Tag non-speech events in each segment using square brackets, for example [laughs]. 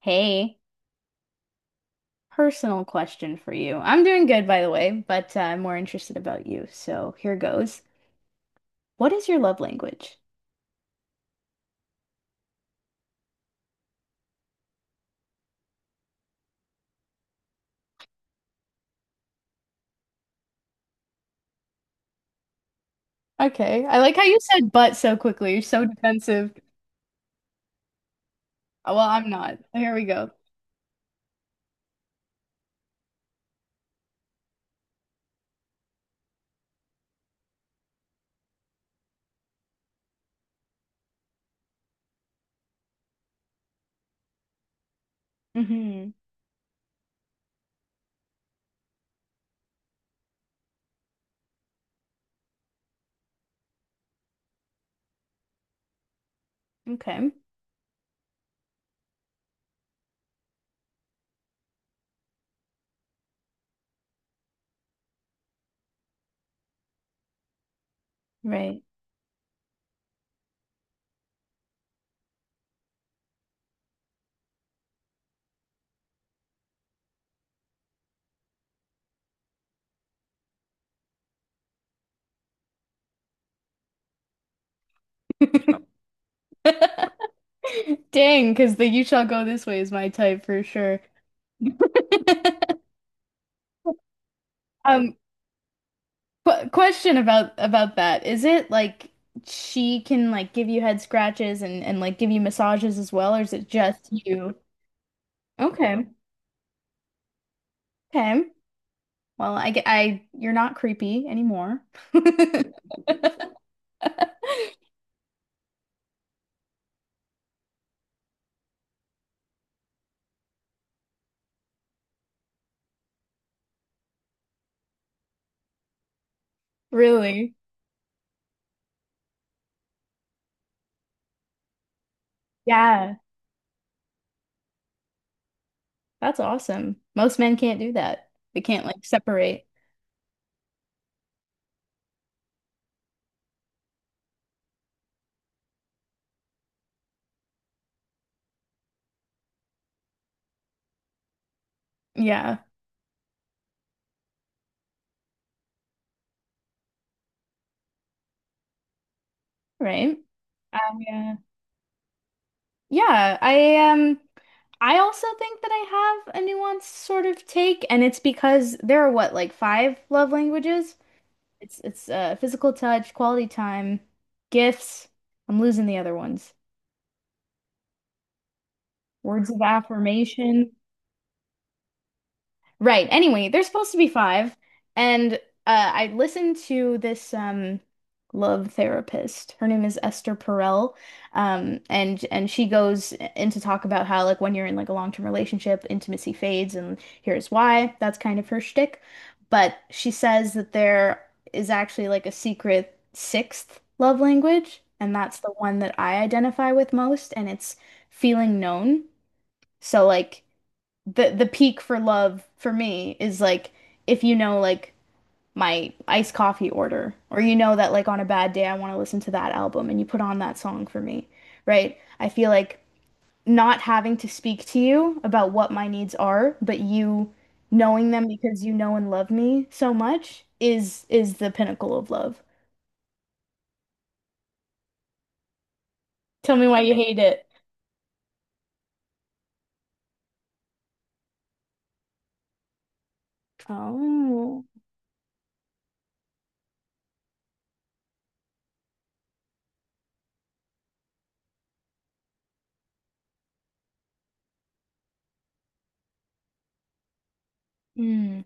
Hey, personal question for you. I'm doing good, by the way, but I'm more interested about you. So here goes. What is your love language? Okay, I like how you said but so quickly. You're so defensive. Oh, well, I'm not. Here we go. Hmm. Okay. Right. [laughs] Dang, because the you shall go this way is my type for sure. [laughs] Um, qu question about that. Is it like she can like give you head scratches and like give you massages as well, or is it just you? Okay. Okay. Well, I get I you're not creepy anymore. [laughs] Really? Yeah, that's awesome. Most men can't do that. They can't like separate. Yeah, right. Yeah. Yeah, I I also think that I have a nuanced sort of take, and it's because there are what, like five love languages? It's physical touch, quality time, gifts. I'm losing the other ones. Words of affirmation. Right. Anyway, there's supposed to be five, and I listened to this love therapist. Her name is Esther Perel, and she goes in to talk about how like when you're in like a long-term relationship, intimacy fades, and here's why. That's kind of her shtick. But she says that there is actually like a secret sixth love language, and that's the one that I identify with most, and it's feeling known. So like the peak for love for me is like if you know like my iced coffee order or you know that like on a bad day I want to listen to that album and you put on that song for me, right? I feel like not having to speak to you about what my needs are, but you knowing them because you know and love me so much is the pinnacle of love. Tell me why you hate it. Oh. Mm,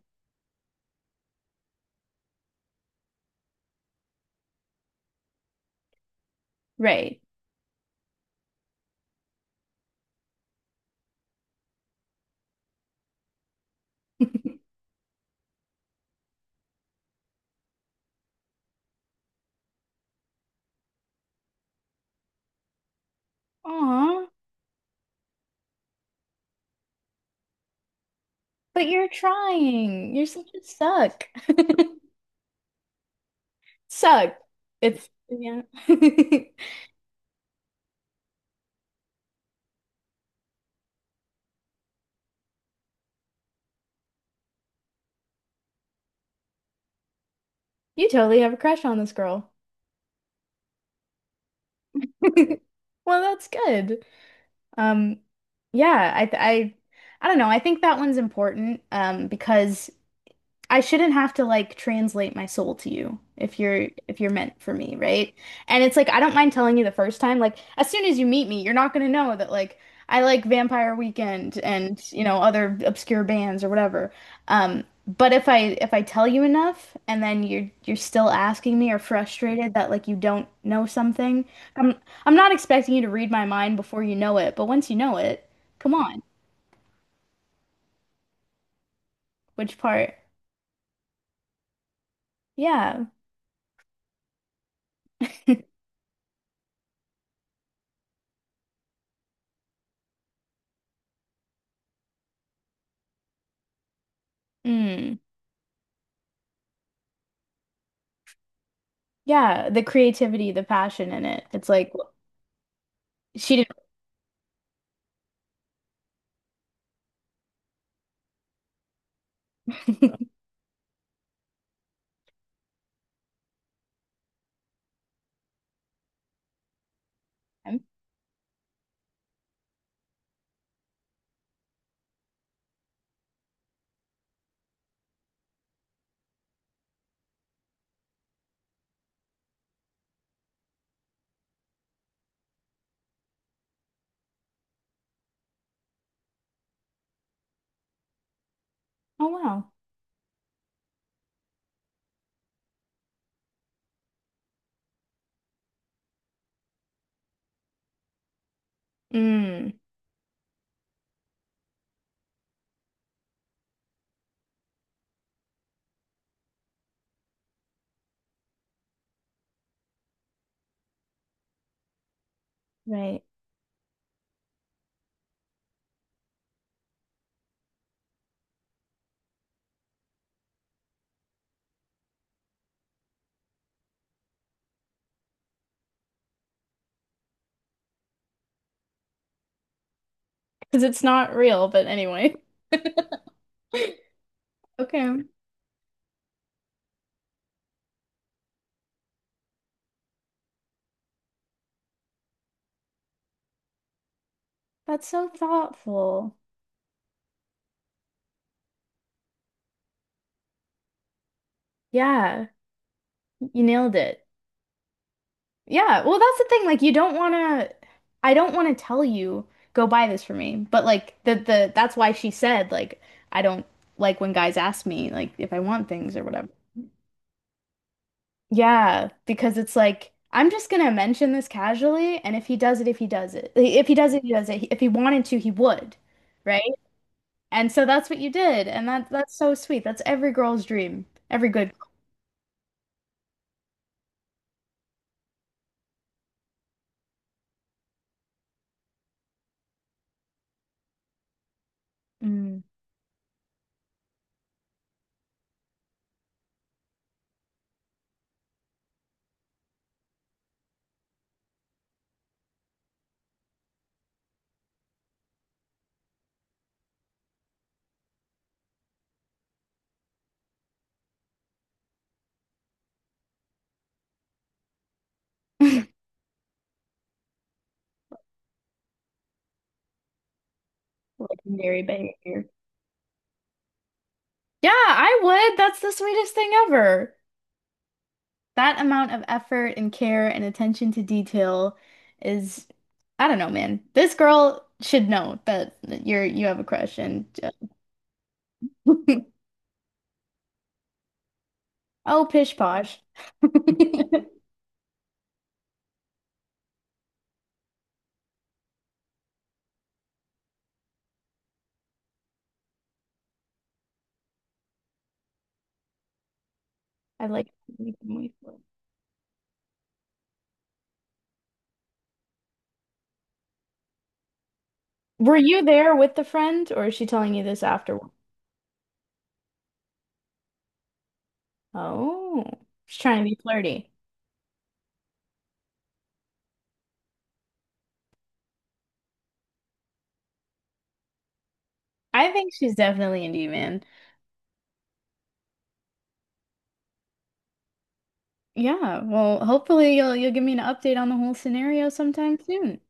right. [laughs] Aw, but you're trying. You're such a suck. [laughs] Sucked. It's yeah. [laughs] You totally have a crush on this girl. [laughs] Well, that's good. Um, yeah, I don't know. I think that one's important, because I shouldn't have to like translate my soul to you if you're meant for me, right? And it's like I don't mind telling you the first time, like as soon as you meet me, you're not gonna know that like I like Vampire Weekend and you know other obscure bands or whatever. But if I tell you enough and then you're still asking me or frustrated that like you don't know something, I'm I'm not expecting you to read my mind before you know it, but once you know it, come on, which part? Yeah. [laughs] Mm. Yeah, the creativity, the passion in it. It's like she didn't. [laughs] Oh wow. Mm, right. Because it's not real, but anyway. [laughs] Okay. That's so thoughtful. Yeah, you nailed it. Yeah, well, that's the thing. Like, you don't want to, I don't want to tell you, go buy this for me. But like the that's why she said like I don't like when guys ask me like if I want things or whatever. Yeah, because it's like I'm just gonna mention this casually, and if he does it, like, if he does it, he does it. If he wanted to, he would, right? And so that's what you did, and that's so sweet. That's every girl's dream, every good. Mm. [laughs] Legendary behavior. Yeah, I would. That's the sweetest thing ever. That amount of effort and care and attention to detail is, I don't know, man. This girl should know that you have a crush, and uh, [laughs] Oh, pish posh. [laughs] I like making my foot. Were you there with the friend or is she telling you this afterward? Oh, she's trying to be flirty. I think she's definitely into you, man. Yeah, well, hopefully you'll give me an update on the whole scenario sometime soon.